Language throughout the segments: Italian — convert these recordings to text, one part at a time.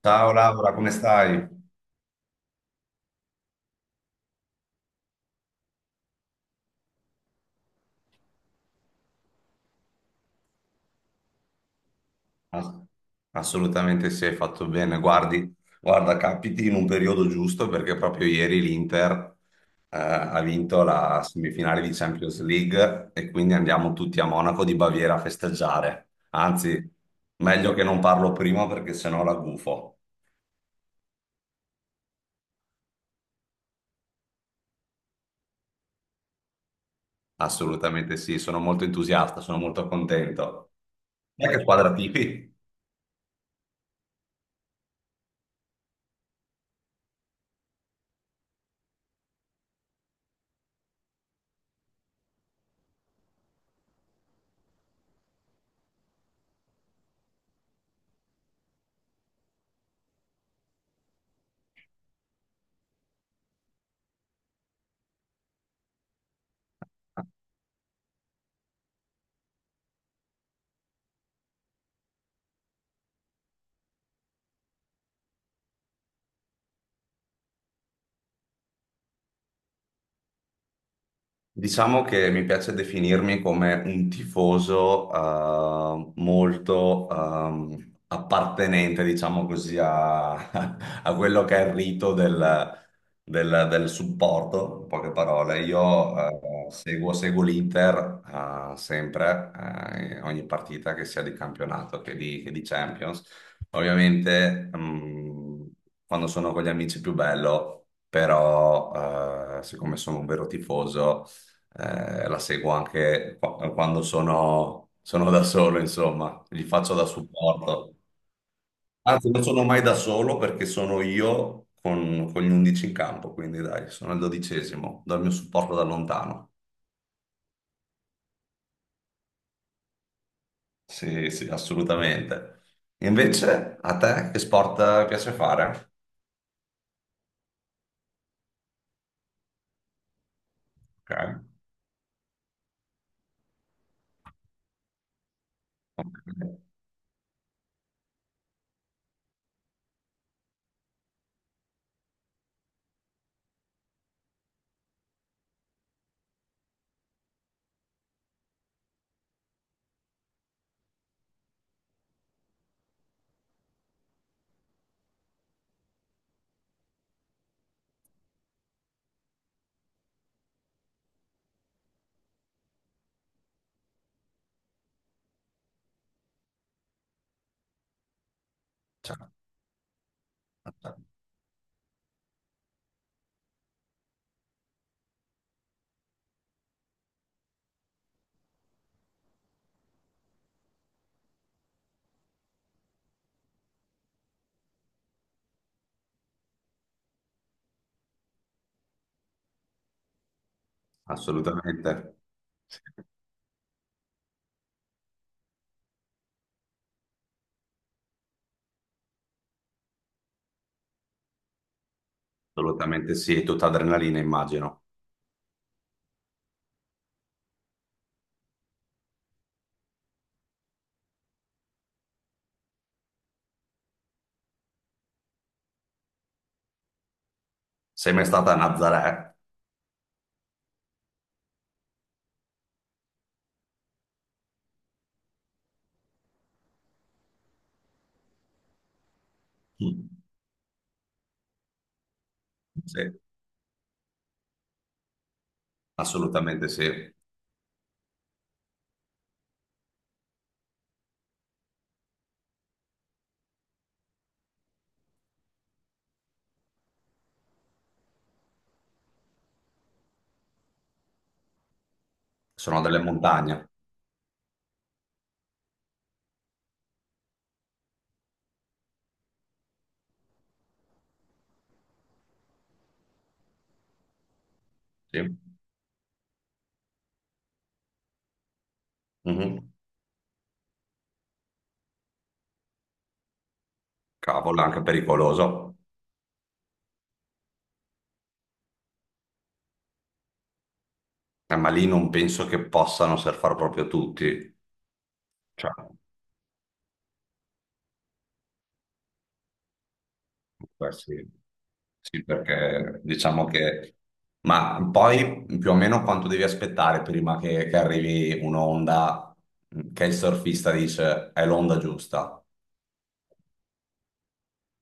Ciao Laura, come stai? Ass- Assolutamente sì, hai fatto bene. Guarda, capiti in un periodo giusto perché proprio ieri l'Inter ha vinto la semifinale di Champions League e quindi andiamo tutti a Monaco di Baviera a festeggiare. Anzi, meglio che non parlo prima perché sennò la gufo. Assolutamente sì, sono molto entusiasta, sono molto contento. E che squadra tifi? Diciamo che mi piace definirmi come un tifoso molto appartenente, diciamo così, a, a quello che è il rito del, del supporto, in poche parole. Io seguo l'Inter sempre, in ogni partita che sia di campionato che di Champions. Ovviamente quando sono con gli amici è più bello, però siccome sono un vero tifoso la seguo anche quando sono da solo, insomma, gli faccio da supporto. Anzi, non sono mai da solo perché sono io con gli 11 in campo, quindi dai, sono il dodicesimo, do il mio supporto da lontano. Sì, sì, assolutamente. Invece, a te che sport piace fare? Ok, ok, assolutamente. Sì, assolutamente sì, è tutta adrenalina, immagino. Sei mai stata a Nazaré? Mm. Sì, assolutamente sì. Sono delle montagne. Sì. Mhm. Cavolo, è anche pericoloso. Ma lì non penso che possano surfare proprio tutti. Cioè, questi- sì, sì, perché diciamo che... Ma poi più o meno quanto devi aspettare prima che arrivi un'onda che il surfista dice è l'onda giusta?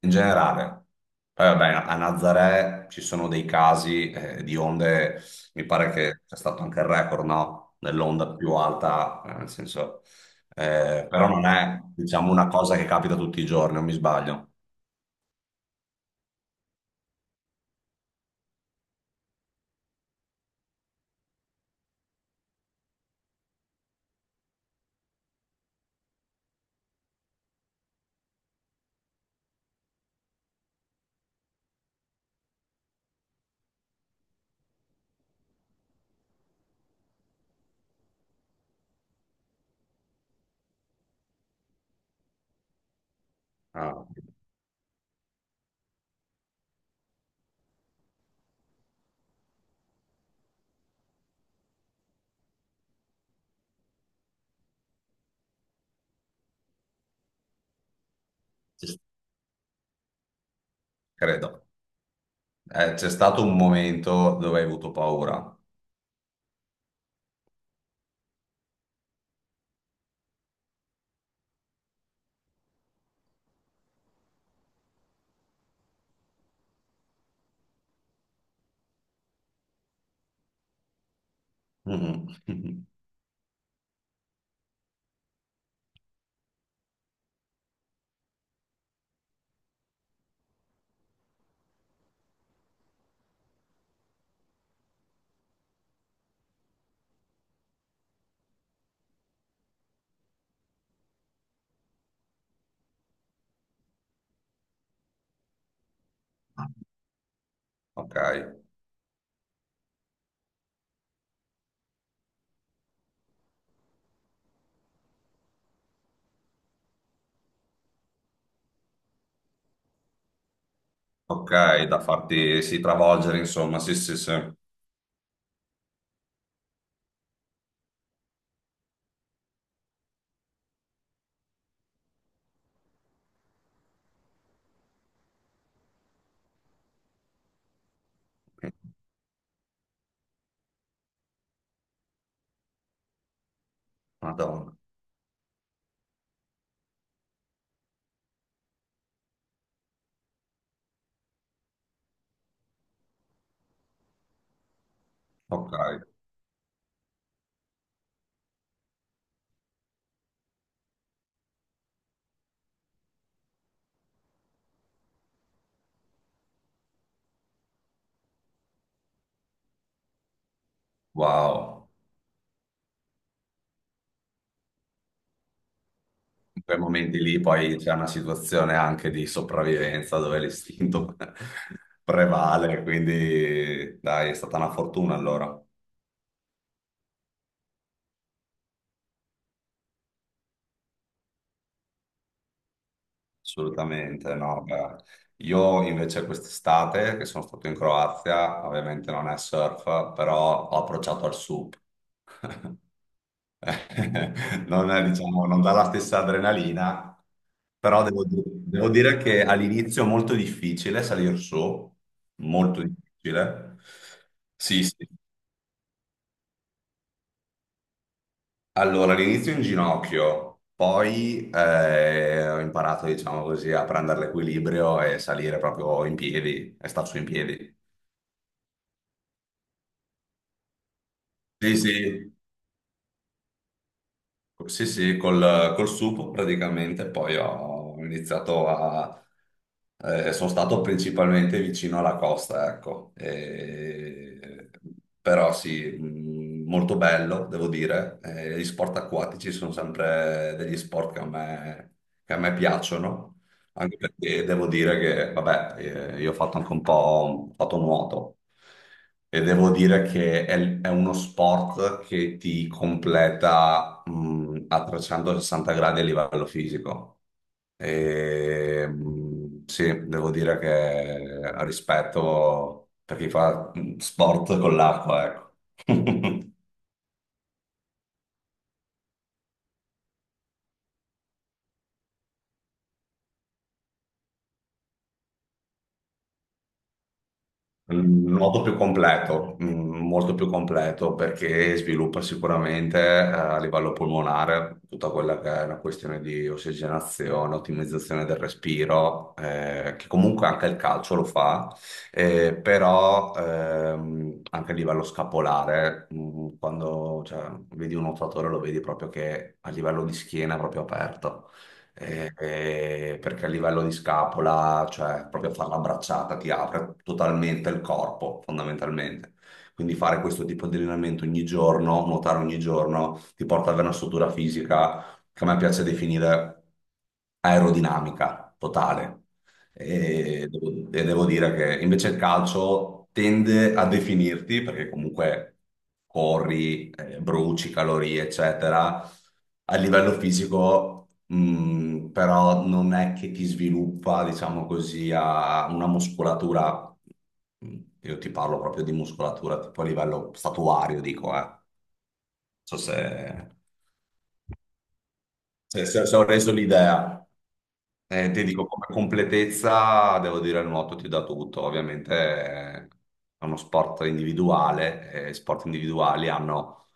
In generale. Poi vabbè, a Nazaré ci sono dei casi di onde, mi pare che c'è stato anche il record, no? Dell'onda più alta, nel senso, però non è, diciamo, una cosa che capita tutti i giorni, non mi sbaglio. Ah, ci- credo. C'è stato un momento dove hai avuto paura. Mhm. Ok, ok, da farti sì, travolgere, insomma, sì, sì, sì. Madonna. Ok, wow. In quei momenti lì poi c'è una situazione anche di sopravvivenza dove l'istinto prevale, quindi dai, è stata una fortuna allora, assolutamente, no, beh. Io invece quest'estate, che sono stato in Croazia, ovviamente non è surf, però ho approcciato al SUP. Non, è, diciamo, non dà la stessa adrenalina, però devo, devo dire che all'inizio è molto difficile salire su, molto difficile. Sì, sì. Allora, all'inizio in ginocchio, poi ho imparato, diciamo così, a prendere l'equilibrio e salire proprio in piedi e star su in piedi. Sì, sì, sì, sì, col sugo praticamente poi ho iniziato a... sono stato principalmente vicino alla costa, ecco. E- Però sì, molto bello, devo dire. Gli sport acquatici sono sempre degli sport che a me piacciono, anche perché devo dire che, vabbè, io ho fatto anche un po' ho fatto nuoto. E devo dire che è uno sport che ti completa, a 360 gradi a livello fisico. E, sì, devo dire che rispetto per chi fa sport con l'acqua, ecco. In modo più completo, mm, molto più completo, perché sviluppa sicuramente a livello pulmonare tutta quella che è una questione di ossigenazione, ottimizzazione del respiro, che comunque anche il calcio lo fa, però anche a livello scapolare, mm, quando cioè, vedi un nuotatore lo vedi proprio che a livello di schiena è proprio aperto perché a livello di scapola, cioè proprio fare la bracciata ti apre totalmente il corpo, fondamentalmente. Quindi fare questo tipo di allenamento ogni giorno, nuotare ogni giorno, ti porta ad avere una struttura fisica che a me piace definire aerodinamica totale. E devo dire che invece il calcio tende a definirti, perché comunque corri, bruci calorie, eccetera a livello fisico, però non è che ti sviluppa, diciamo così, a una muscolatura. Mh, io ti parlo proprio di muscolatura, tipo a livello statuario, dico, eh. Non so se ho reso l'idea. Ti dico, come completezza devo dire il nuoto ti dà tutto, ovviamente è uno sport individuale, e sport individuali hanno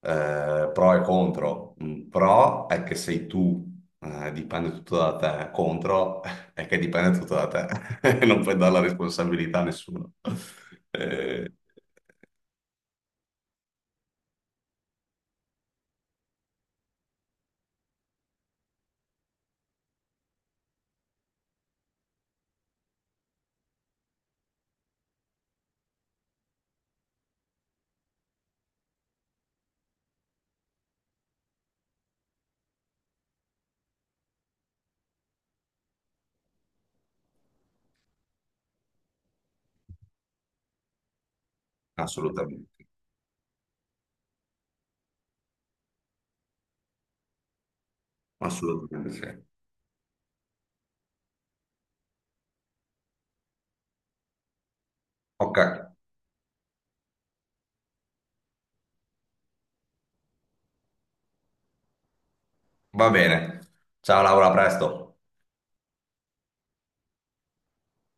pro e contro. Un pro è che sei tu, dipende tutto da te, contro è che dipende tutto da te, non puoi dare la responsabilità a nessuno. Eh, assolutamente, assolutamente sì. Ok, va bene. Ciao Laura, a presto.